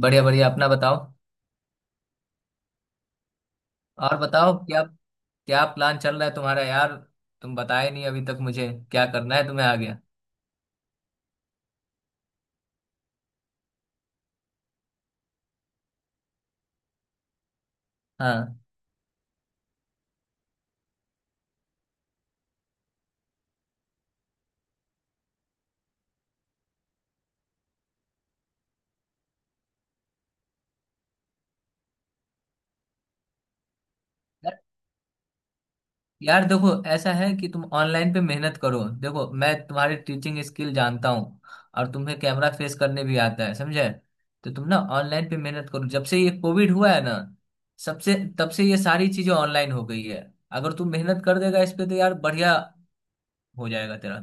बढ़िया बढ़िया, अपना बताओ। और बताओ क्या? क्या प्लान चल रहा है तुम्हारा, यार? तुम बताए नहीं अभी तक मुझे क्या करना है तुम्हें आगे। हाँ। यार यार देखो, ऐसा है कि तुम ऑनलाइन पे मेहनत करो। देखो, मैं तुम्हारी टीचिंग स्किल जानता हूँ। और तुम्हें कैमरा फेस करने भी आता है, समझे? तो तुम ना ऑनलाइन पे मेहनत करो। जब से ये कोविड हुआ है ना, सबसे तब से ये सारी चीजें ऑनलाइन हो गई है। अगर तुम मेहनत कर देगा इस पे तो यार बढ़िया, हो जाएगा तेरा।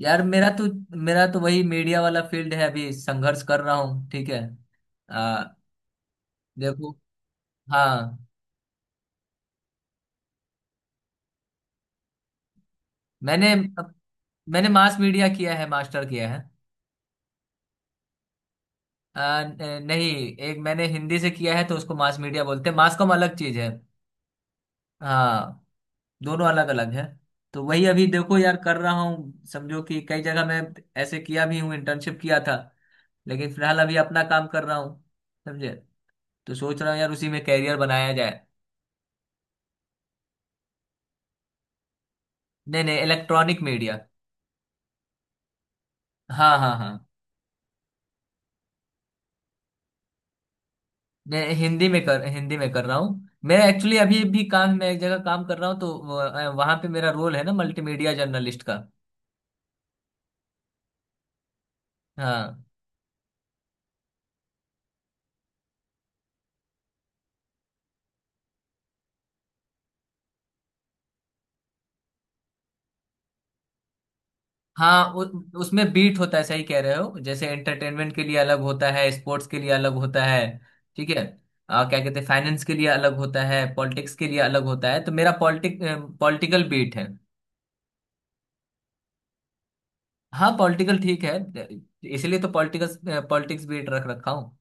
यार, मेरा तो वही मीडिया वाला फील्ड है, अभी संघर्ष कर रहा हूँ, ठीक है। आ, देखो। हाँ। मैंने मैंने मास मीडिया किया है, मास्टर किया है। आ, न- नहीं, एक मैंने हिंदी से किया है तो उसको मास मीडिया बोलते हैं। मास कॉम अलग चीज है। हाँ, दोनों अलग अलग है। तो वही अभी देखो यार कर रहा हूँ, समझो कि कई जगह मैं ऐसे किया भी हूँ, इंटर्नशिप किया था, लेकिन फिलहाल अभी अपना काम कर रहा हूँ, समझे? तो सोच रहा हूँ यार उसी में कैरियर बनाया जाए। नहीं नहीं, इलेक्ट्रॉनिक मीडिया। हाँ हाँ हाँ। मैं हिंदी में कर रहा हूँ। मैं एक्चुअली अभी भी काम मैं एक जगह काम कर रहा हूँ तो वहां पे मेरा रोल है ना मल्टीमीडिया जर्नलिस्ट का। हाँ हाँ। उसमें बीट होता है, सही कह रहे हो, जैसे एंटरटेनमेंट के लिए अलग होता है, स्पोर्ट्स के लिए अलग होता है। ठीक है। क्या कहते हैं, फाइनेंस के लिए अलग होता है, पॉलिटिक्स के लिए अलग होता है। तो मेरा पॉलिटिकल बीट है। हाँ, पॉलिटिकल, ठीक है। इसलिए तो पॉलिटिकल पॉलिटिक्स बीट रख रखा हूँ।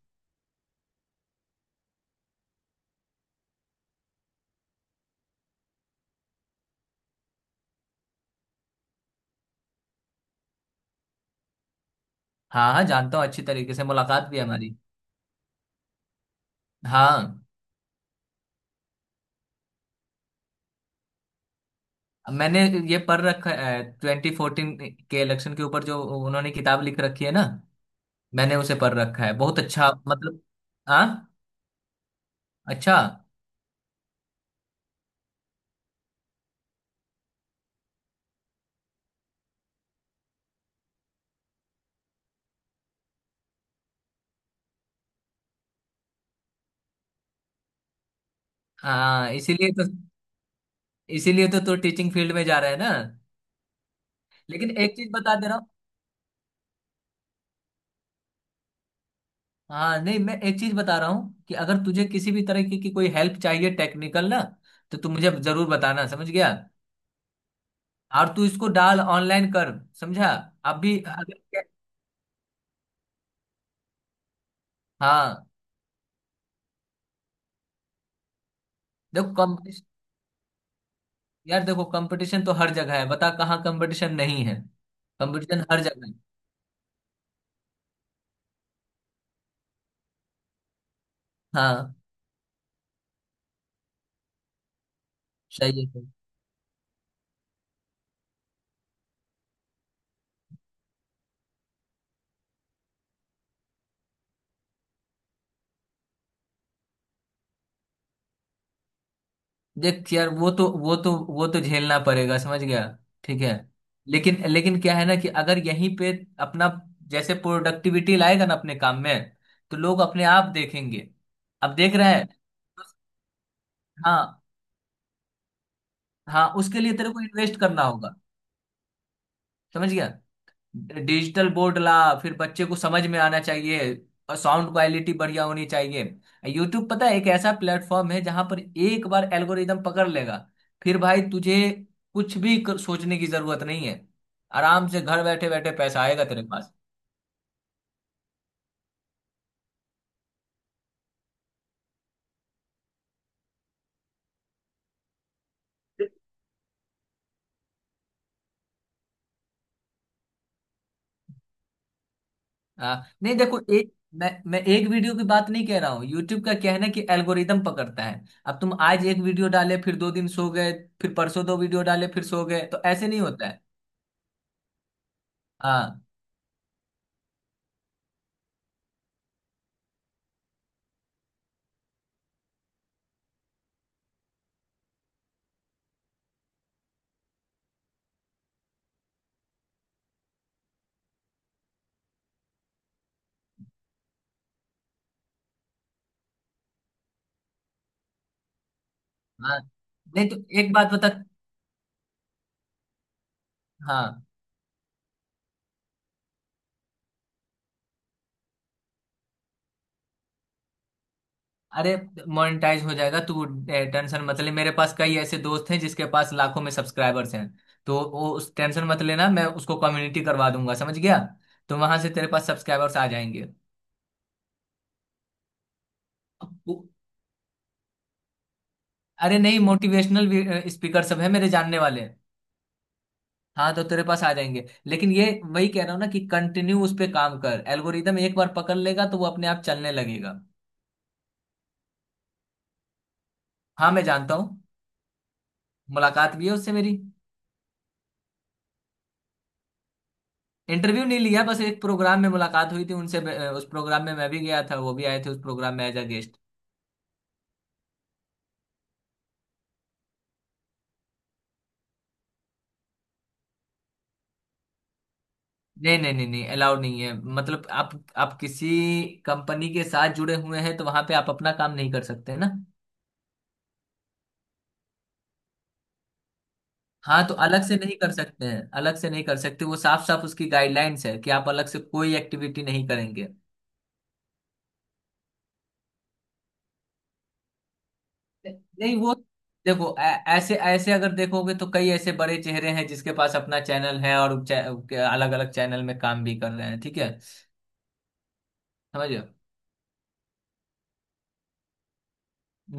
हाँ हाँ, जानता हूँ अच्छी तरीके से, मुलाकात भी है हमारी। हाँ। मैंने ये पढ़ रखा है, 2014 के इलेक्शन के ऊपर जो उन्होंने किताब लिख रखी है ना, मैंने उसे पढ़ रखा है, बहुत अच्छा, मतलब। हाँ। अच्छा। हाँ। इसीलिए तो तू टीचिंग फील्ड में जा रहा है ना। लेकिन एक चीज बता दे रहा हूँ। हाँ, नहीं, मैं एक चीज बता रहा हूँ कि अगर तुझे किसी भी तरह की कोई हेल्प चाहिए टेक्निकल ना, तो तू मुझे जरूर बताना, समझ गया। और तू इसको डाल, ऑनलाइन कर, समझा? अभी अगर हाँ देखो कम। यार देखो, कंपटीशन तो हर जगह है, बता कहाँ कंपटीशन नहीं है? कंपटीशन हर जगह है। हाँ। सही है सही। देख यार, वो तो झेलना पड़ेगा, समझ गया? ठीक है। लेकिन लेकिन क्या है ना कि अगर यहीं पे अपना जैसे प्रोडक्टिविटी लाएगा ना अपने काम में, तो लोग अपने आप देखेंगे। अब देख रहा है। हाँ, हाँ, उसके लिए तेरे को इन्वेस्ट करना होगा, समझ गया? डिजिटल बोर्ड ला, फिर बच्चे को समझ में आना चाहिए और साउंड क्वालिटी बढ़िया होनी चाहिए। यूट्यूब पता है, एक ऐसा प्लेटफॉर्म है जहां पर एक बार एल्गोरिदम पकड़ लेगा, फिर भाई तुझे सोचने की जरूरत नहीं है, आराम से घर बैठे बैठे पैसा आएगा तेरे पास। हाँ, नहीं देखो, एक मैं एक वीडियो की बात नहीं कह रहा हूँ। यूट्यूब का क्या है ना कि एल्गोरिदम पकड़ता है, अब तुम आज एक वीडियो डाले फिर 2 दिन सो गए, फिर परसों दो वीडियो डाले फिर सो गए, तो ऐसे नहीं होता है। हाँ, हाँ। नहीं तो एक बात बता। हाँ। अरे मोनेटाइज हो जाएगा तू, टेंशन मत ले, मेरे पास कई ऐसे दोस्त हैं जिसके पास लाखों में सब्सक्राइबर्स हैं, तो वो उस टेंशन मत लेना, मैं उसको कम्युनिटी करवा दूंगा, समझ गया? तो वहां से तेरे पास सब्सक्राइबर्स आ जाएंगे। अब वो- अरे नहीं, मोटिवेशनल स्पीकर सब है मेरे जानने वाले। हाँ, तो तेरे पास आ जाएंगे। लेकिन ये वही कह रहा हूँ ना कि कंटिन्यू उस पे काम कर, एल्गोरिदम एक बार पकड़ लेगा तो वो अपने आप चलने लगेगा। हाँ, मैं जानता हूँ, मुलाकात भी है उससे मेरी। इंटरव्यू नहीं लिया, बस एक प्रोग्राम में मुलाकात हुई थी उनसे। उस प्रोग्राम में मैं भी गया था, वो भी आए थे उस प्रोग्राम में एज अ गेस्ट। नहीं नहीं नहीं नहीं, अलाउड नहीं है। मतलब आप किसी कंपनी के साथ जुड़े हुए हैं तो वहां पे आप अपना काम नहीं कर सकते ना। हाँ, तो अलग से नहीं कर सकते हैं, अलग से नहीं कर सकते, वो साफ साफ उसकी गाइडलाइंस है कि आप अलग से कोई एक्टिविटी नहीं करेंगे। नहीं, वो देखो, ऐसे ऐसे अगर देखोगे तो कई ऐसे बड़े चेहरे हैं जिसके पास अपना चैनल है और अलग अलग चैनल में काम भी कर रहे हैं, ठीक है, समझ।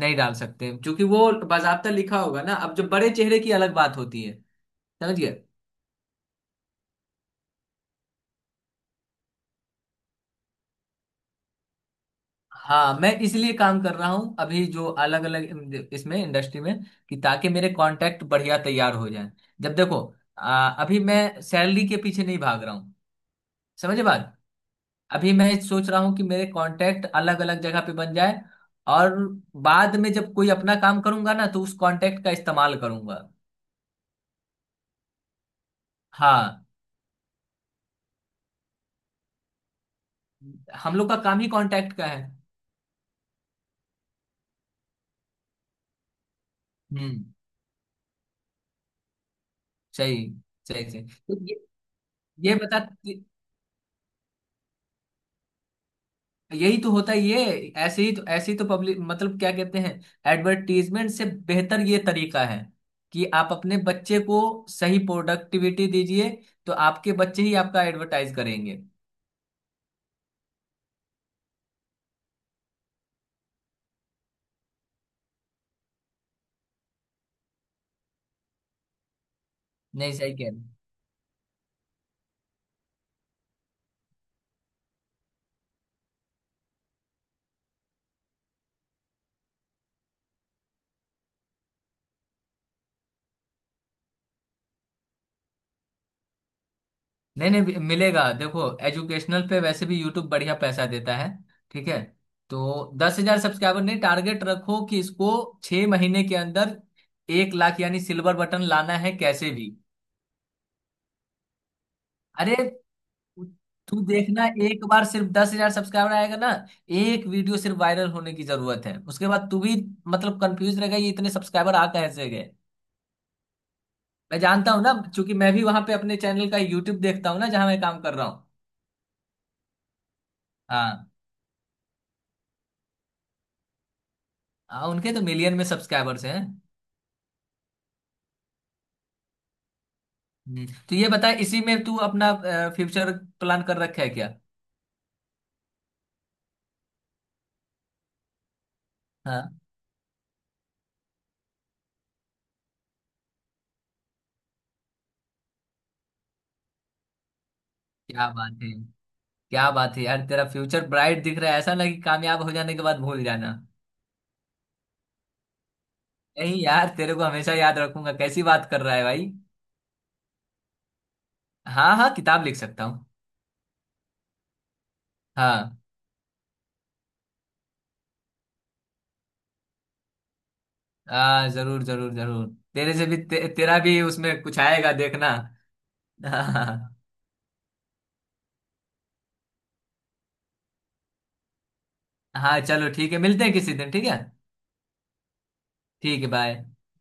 नहीं डाल सकते, क्योंकि वो बाजाबता लिखा होगा ना, अब जब बड़े चेहरे की अलग बात होती है, समझिए। हाँ, मैं इसलिए काम कर रहा हूँ अभी जो अलग अलग इसमें इंडस्ट्री में, कि ताकि मेरे कॉन्टैक्ट बढ़िया तैयार हो जाएं, जब देखो। अभी मैं सैलरी के पीछे नहीं भाग रहा हूँ, समझे बात। अभी मैं सोच रहा हूँ कि मेरे कॉन्टैक्ट अलग अलग जगह पे बन जाए, और बाद में जब कोई अपना काम करूंगा ना तो उस कॉन्टैक्ट का इस्तेमाल करूंगा। हाँ, हम लोग का काम ही कॉन्टैक्ट का है। हम्म। सही, सही, सही। तो ये बता। यही तो होता है ये। ऐसे ही तो पब्लिक, मतलब क्या कहते हैं, एडवर्टीजमेंट से बेहतर ये तरीका है, कि आप अपने बच्चे को सही प्रोडक्टिविटी दीजिए तो आपके बच्चे ही आपका एडवर्टाइज करेंगे। नहीं सही कह रहे हैं। नहीं, नहीं मिलेगा, देखो एजुकेशनल पे वैसे भी यूट्यूब बढ़िया पैसा देता है, ठीक है। तो 10,000 सब्सक्राइबर नहीं, टारगेट रखो कि इसको 6 महीने के अंदर 1 लाख यानी सिल्वर बटन लाना है कैसे भी। अरे तू तू देखना, एक बार सिर्फ 10,000 सब्सक्राइबर आएगा ना, एक वीडियो सिर्फ वायरल होने की जरूरत है, उसके बाद तू भी मतलब कंफ्यूज रहेगा ये इतने सब्सक्राइबर आ कैसे गए। मैं जानता हूँ ना, क्योंकि मैं भी वहां पे अपने चैनल का यूट्यूब देखता हूँ ना जहाँ मैं काम कर रहा हूँ। हाँ, हाँ, उनके तो मिलियन में सब्सक्राइबर्स हैं। तो ये बता, इसी में तू अपना फ्यूचर प्लान कर रखा है क्या? हाँ। क्या बात है, क्या बात है यार, तेरा फ्यूचर ब्राइट दिख रहा है। ऐसा ना कि कामयाब हो जाने के बाद भूल जाना। नहीं यार, तेरे को हमेशा याद रखूंगा, कैसी बात कर रहा है भाई। हाँ हाँ, किताब लिख सकता हूँ। हाँ हाँ, जरूर जरूर जरूर। तेरे से भी तेरा भी उसमें कुछ आएगा देखना। हाँ। हाँ, चलो ठीक है, मिलते हैं किसी दिन, ठीक है। ठीक है, बाय।